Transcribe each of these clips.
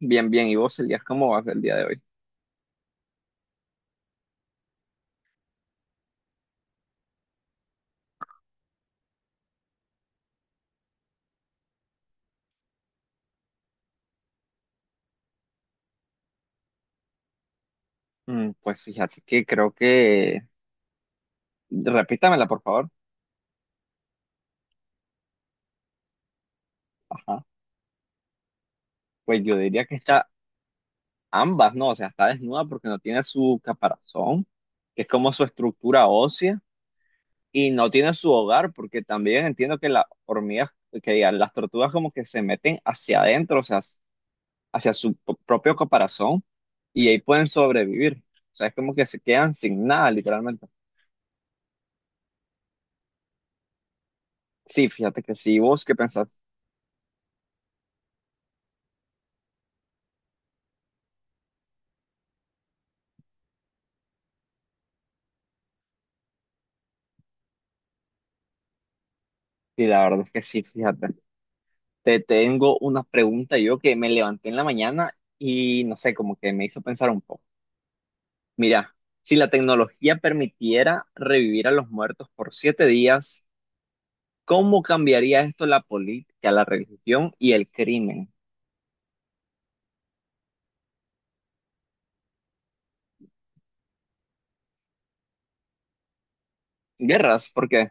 Bien, bien. ¿Y vos, Elías, cómo vas el día de hoy? Pues fíjate que creo que... Repítamela, por favor. Ajá. Pues yo diría que está ambas, ¿no? O sea, está desnuda porque no tiene su caparazón, que es como su estructura ósea, y no tiene su hogar porque también entiendo que las hormigas, que ya, las tortugas como que se meten hacia adentro, o sea, hacia su propio caparazón, y ahí pueden sobrevivir. O sea, es como que se quedan sin nada, literalmente. Sí, fíjate que sí. ¿Y ¿Vos qué pensás? Sí, la verdad es que sí, fíjate. Te tengo una pregunta yo que me levanté en la mañana y no sé, como que me hizo pensar un poco. Mira, si la tecnología permitiera revivir a los muertos por 7 días, ¿cómo cambiaría esto la política, la religión y el crimen? Guerras, porque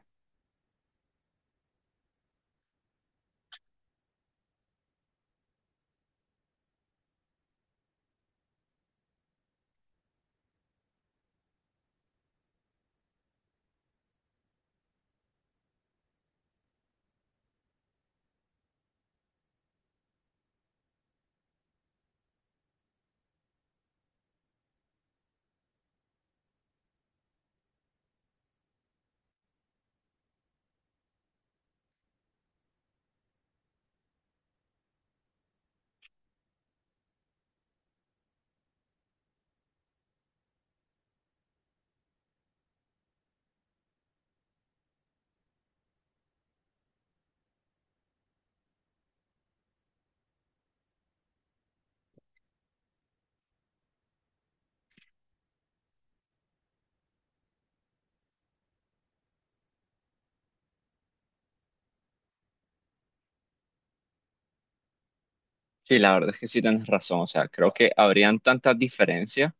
sí, la verdad es que sí tienes razón. O sea, creo que habrían tantas diferencias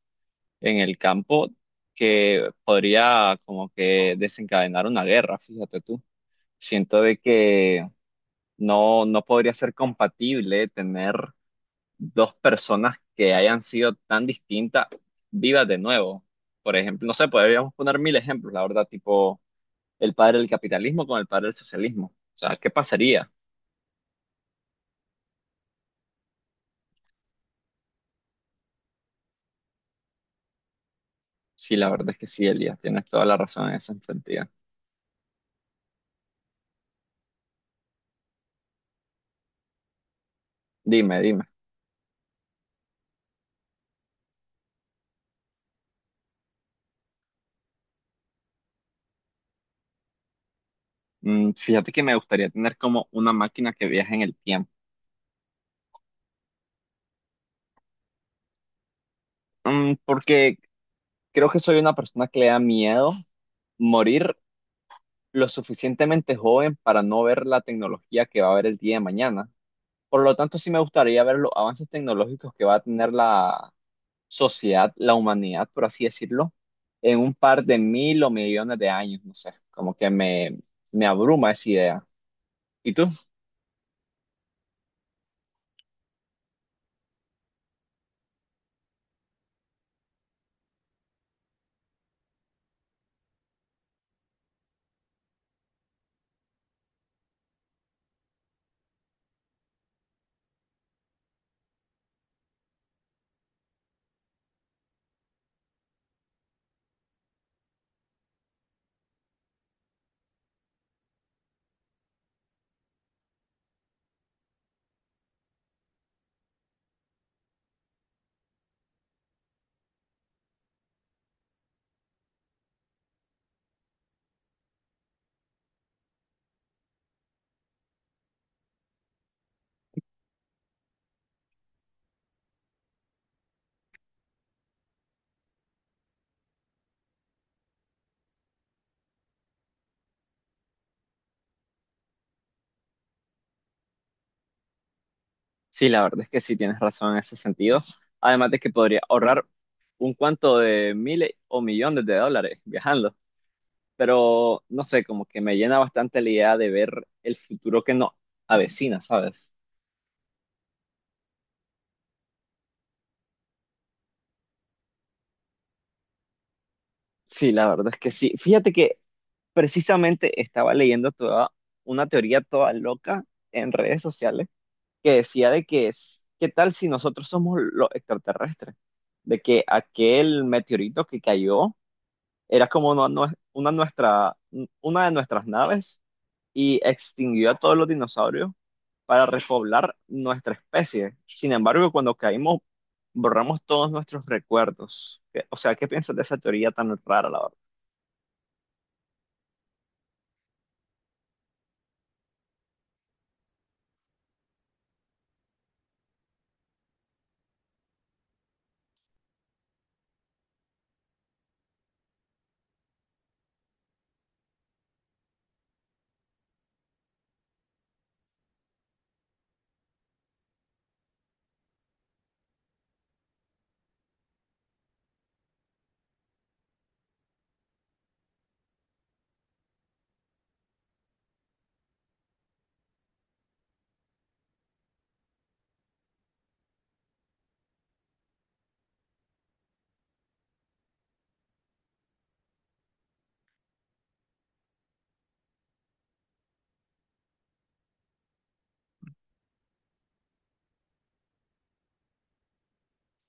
en el campo que podría como que desencadenar una guerra, fíjate tú. Siento de que no, no podría ser compatible tener dos personas que hayan sido tan distintas vivas de nuevo. Por ejemplo, no sé, podríamos poner mil ejemplos, la verdad, tipo el padre del capitalismo con el padre del socialismo. O sea, ¿qué pasaría? Sí, la verdad es que sí, Elías, tienes toda la razón en ese sentido. Dime, dime. Fíjate que me gustaría tener como una máquina que viaje en el tiempo. Porque creo que soy una persona que le da miedo morir lo suficientemente joven para no ver la tecnología que va a haber el día de mañana. Por lo tanto, sí me gustaría ver los avances tecnológicos que va a tener la sociedad, la humanidad, por así decirlo, en un par de mil o millones de años, no sé, como que me abruma esa idea. ¿Y tú? Sí, la verdad es que sí tienes razón en ese sentido. Además de que podría ahorrar un cuanto de miles o millones de dólares viajando. Pero no sé, como que me llena bastante la idea de ver el futuro que nos avecina, ¿sabes? Sí, la verdad es que sí. Fíjate que precisamente estaba leyendo toda una teoría toda loca en redes sociales que decía de que es, ¿qué tal si nosotros somos los extraterrestres? De que aquel meteorito que cayó era como una de nuestras naves y extinguió a todos los dinosaurios para repoblar nuestra especie. Sin embargo, cuando caímos, borramos todos nuestros recuerdos. O sea, ¿qué piensas de esa teoría tan rara, la verdad?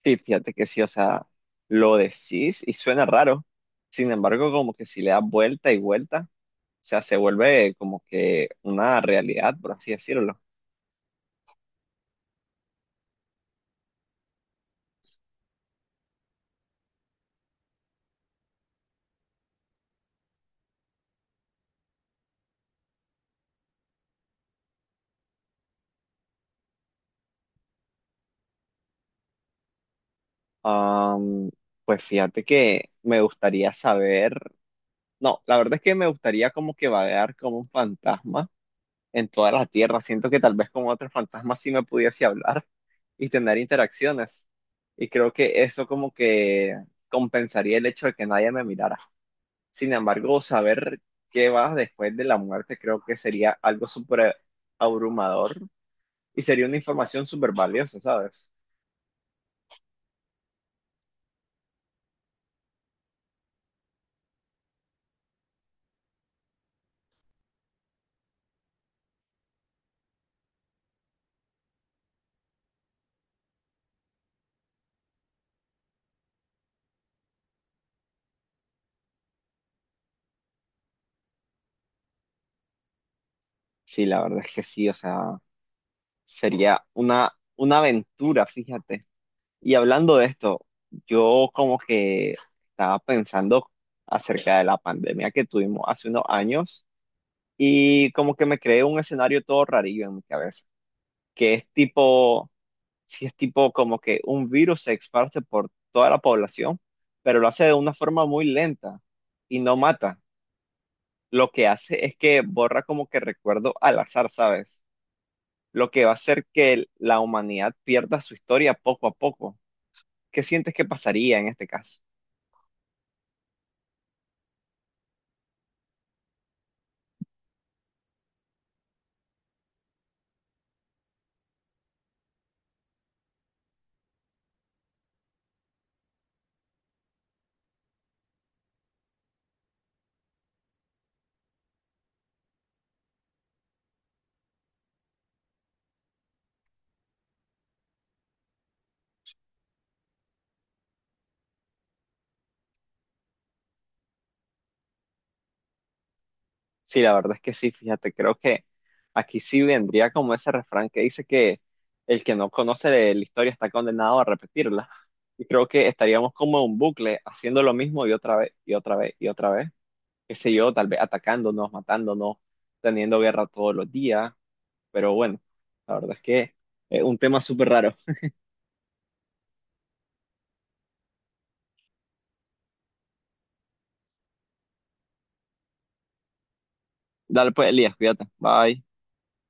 Sí, fíjate que sí, o sea, lo decís y suena raro. Sin embargo, como que si le das vuelta y vuelta, o sea, se vuelve como que una realidad, por así decirlo. Am, pues fíjate que me gustaría saber, no, la verdad es que me gustaría como que vagar como un fantasma en toda la Tierra. Siento que tal vez con otros fantasmas sí me pudiese hablar y tener interacciones. Y creo que eso como que compensaría el hecho de que nadie me mirara. Sin embargo, saber qué va después de la muerte creo que sería algo súper abrumador y sería una información súper valiosa, ¿sabes? Sí, la verdad es que sí, o sea, sería una aventura, fíjate. Y hablando de esto, yo como que estaba pensando acerca de la pandemia que tuvimos hace unos años y como que me creé un escenario todo rarillo en mi cabeza, que es tipo, si es tipo como que un virus se esparce por toda la población, pero lo hace de una forma muy lenta y no mata. Lo que hace es que borra como que recuerdo al azar, ¿sabes? Lo que va a hacer que la humanidad pierda su historia poco a poco. ¿Qué sientes que pasaría en este caso? Sí, la verdad es que sí, fíjate, creo que aquí sí vendría como ese refrán que dice que el que no conoce de la historia está condenado a repetirla. Y creo que estaríamos como en un bucle haciendo lo mismo y otra vez, y otra vez, y otra vez. Qué sé yo, tal vez atacándonos, matándonos, teniendo guerra todos los días. Pero bueno, la verdad es que es un tema súper raro. Dale pues, Elías, cuídate. Bye.